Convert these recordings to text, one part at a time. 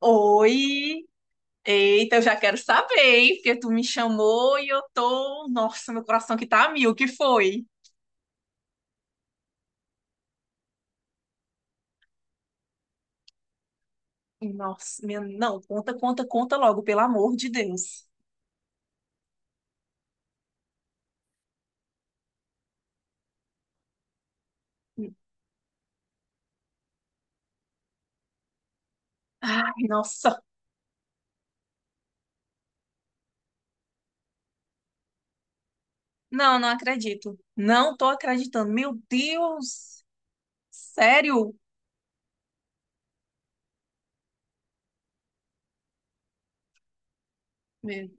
Oi! Eita, eu já quero saber, hein? Porque tu me chamou e eu tô. Nossa, meu coração que tá a mil, o que foi? Nossa, minha... não, conta logo, pelo amor de Deus. Ai, nossa. Não, não acredito. Não tô acreditando. Meu Deus! Sério? Meu-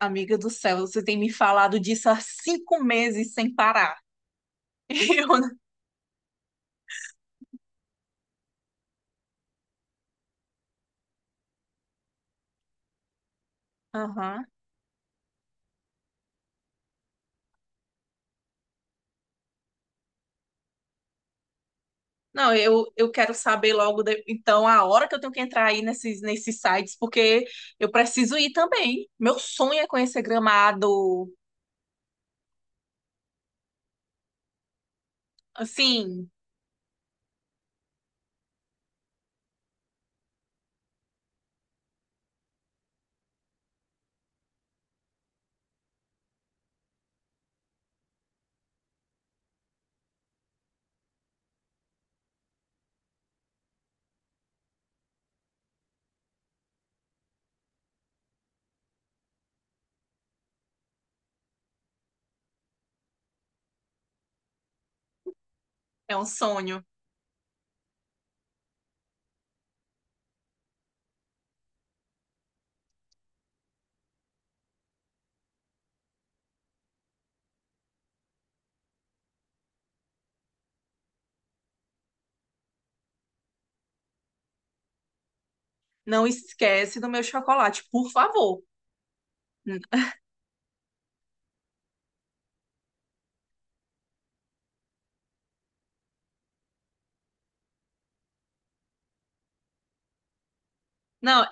Amiga do céu, você tem me falado disso há 5 meses sem parar. Eu... não- Aham. Não, eu quero saber logo, de- então, a hora que eu tenho que entrar aí nesses sites, porque eu preciso ir também. Meu sonho é conhecer Gramado. Assim, é um sonho. Não esquece do meu chocolate, por favor. N- Não,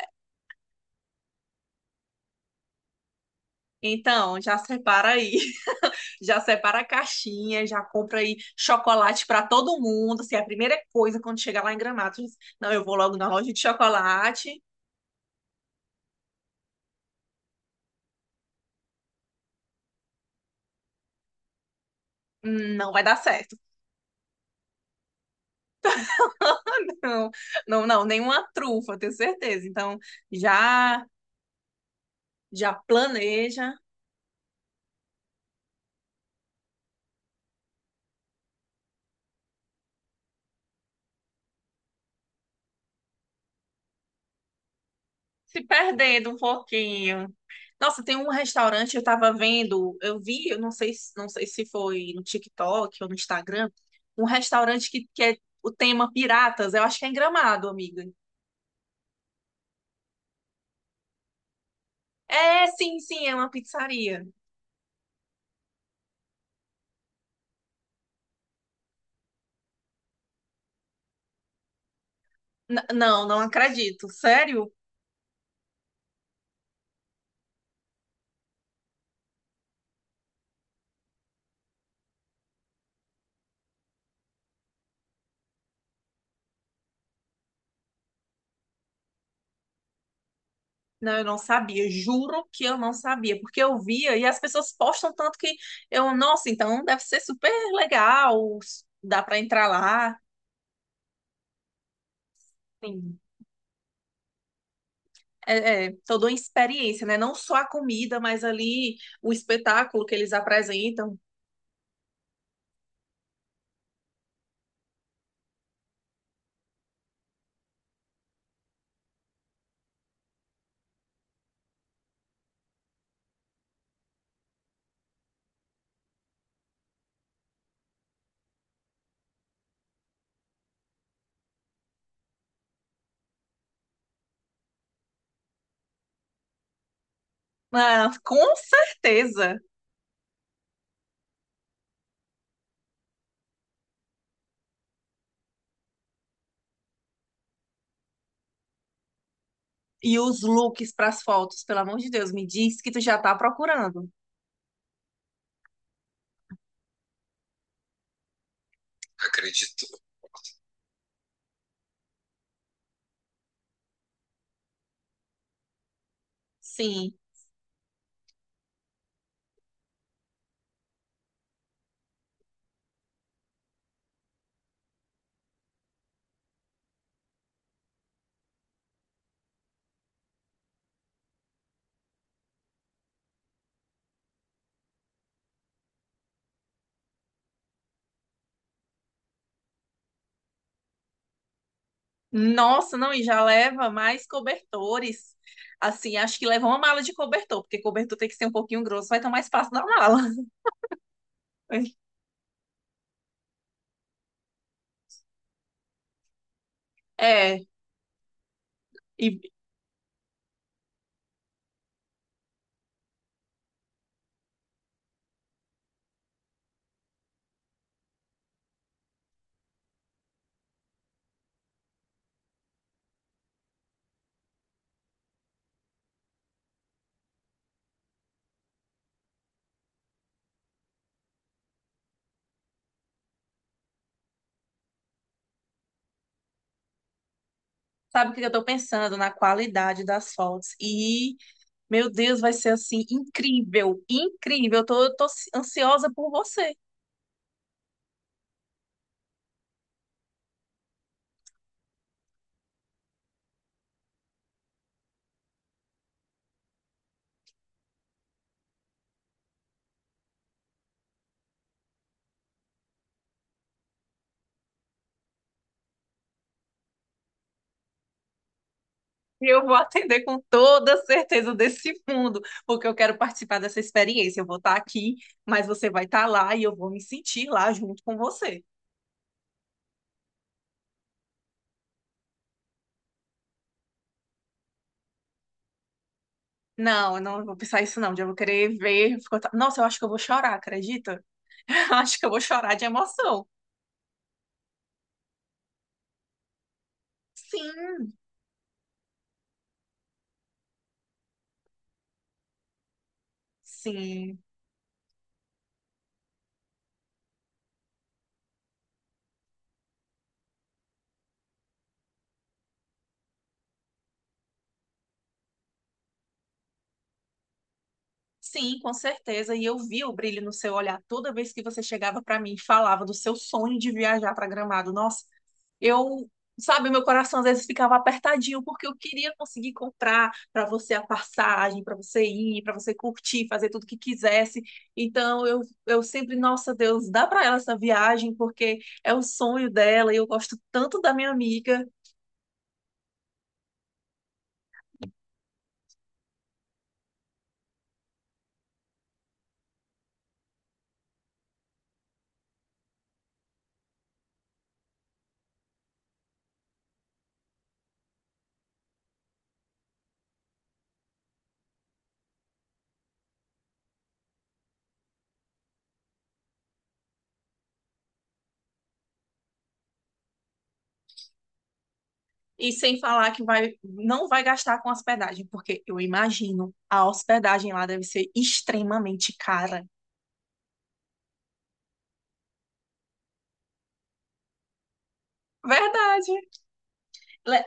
então, já separa aí. Já separa a caixinha, já compra aí chocolate para todo mundo. Se é a primeira coisa quando chegar lá em Gramado, você diz, não, eu vou logo na loja de chocolate. Não vai dar certo. Não, não, não, nenhuma trufa, eu tenho certeza. Então, já já planeja se perdendo um pouquinho. Nossa, tem um restaurante, eu tava vendo, eu vi, eu não sei, se- não sei se foi no TikTok ou no Instagram, um restaurante que é o tema piratas, eu acho que é em Gramado, amiga. É, sim, é uma pizzaria. N- não, não acredito. Sério? Não, eu não sabia, juro que eu não sabia, porque eu via e as pessoas postam tanto que eu, nossa, então deve ser super legal, dá para entrar lá. Enfim, é toda uma experiência, né? Não só a comida, mas ali o espetáculo que eles apresentam. Ah, com certeza. E os looks para as fotos, pelo amor de Deus, me diz que tu já tá procurando. Acredito. Sim. Nossa, não, e já leva mais cobertores. Assim, acho que leva uma mala de cobertor, porque cobertor tem que ser um pouquinho grosso, vai tomar espaço na mala. É, e sabe o que eu tô pensando? Na qualidade das fotos. E, meu Deus, vai ser assim, incrível, incrível. Eu tô ansiosa por você. E eu vou atender com toda certeza desse mundo, porque eu quero participar dessa experiência. Eu vou estar aqui, mas você vai estar lá e eu vou me sentir lá junto com você. Não, eu não vou pensar isso não. Eu vou querer ver. Ficou ta- Nossa, eu acho que eu vou chorar, acredita? Eu acho que eu vou chorar de emoção. Sim, sim. Sim, com certeza. E eu vi o brilho no seu olhar toda vez que você chegava para mim e falava do seu sonho de viajar para Gramado. Nossa, eu, sabe, meu coração às vezes ficava apertadinho porque eu queria conseguir comprar para você a passagem, para você ir, para você curtir, fazer tudo que quisesse. Então eu, eu sempre, nossa Deus, dá para ela essa viagem porque é o sonho dela e eu gosto tanto da minha amiga. E sem falar que vai, não vai gastar com hospedagem, porque eu imagino a hospedagem lá deve ser extremamente cara. Verdade. Le-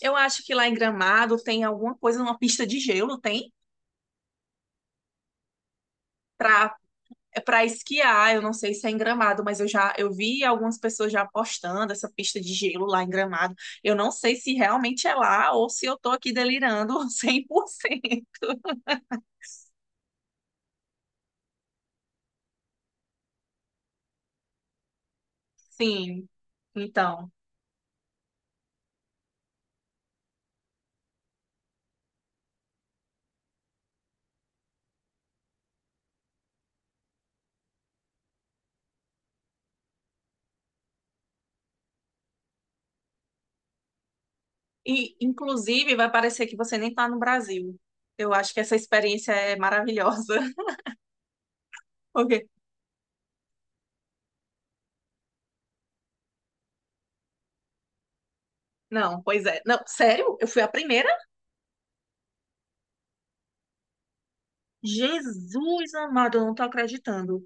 Eu acho que lá em Gramado tem alguma coisa, uma pista de gelo, tem? Pra, é pra esquiar, eu não sei se é em Gramado, mas eu vi algumas pessoas já postando essa pista de gelo lá em Gramado. Eu não sei se realmente é lá ou se eu tô aqui delirando 100%. Sim, então. E, inclusive, vai parecer que você nem está no Brasil. Eu acho que essa experiência é maravilhosa. Porque... não, pois é. Não, sério? Eu fui a primeira? Jesus amado, eu não tô acreditando.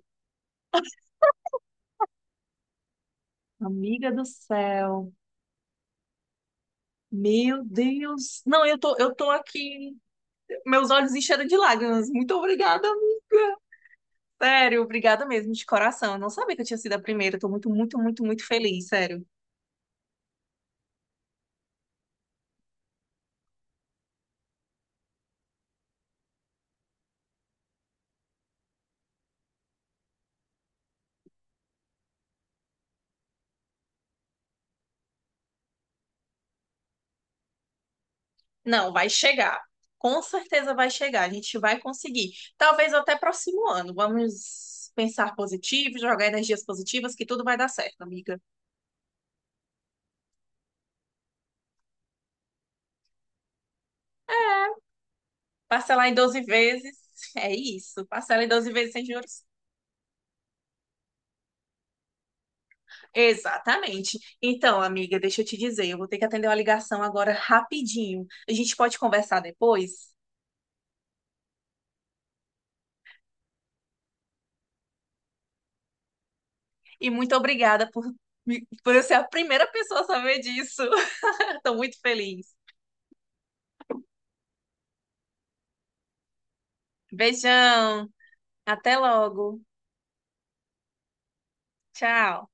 Amiga do céu. Meu Deus. Não, eu tô aqui. Meus olhos encheram de lágrimas. Muito obrigada, amiga. Sério, obrigada mesmo, de coração. Eu não sabia que eu tinha sido a primeira. Eu tô muito, muito, muito, muito feliz, sério. Não, vai chegar. Com certeza vai chegar. A gente vai conseguir. Talvez até próximo ano. Vamos pensar positivo, jogar energias positivas, que tudo vai dar certo, amiga. Parcelar em 12 vezes. É isso. Parcela em 12 vezes sem juros. Exatamente. Então, amiga, deixa eu te dizer, eu vou ter que atender uma ligação agora rapidinho. A gente pode conversar depois? E muito obrigada por, me- por eu ser a primeira pessoa a saber disso. Estou muito feliz. Beijão. Até logo. Tchau.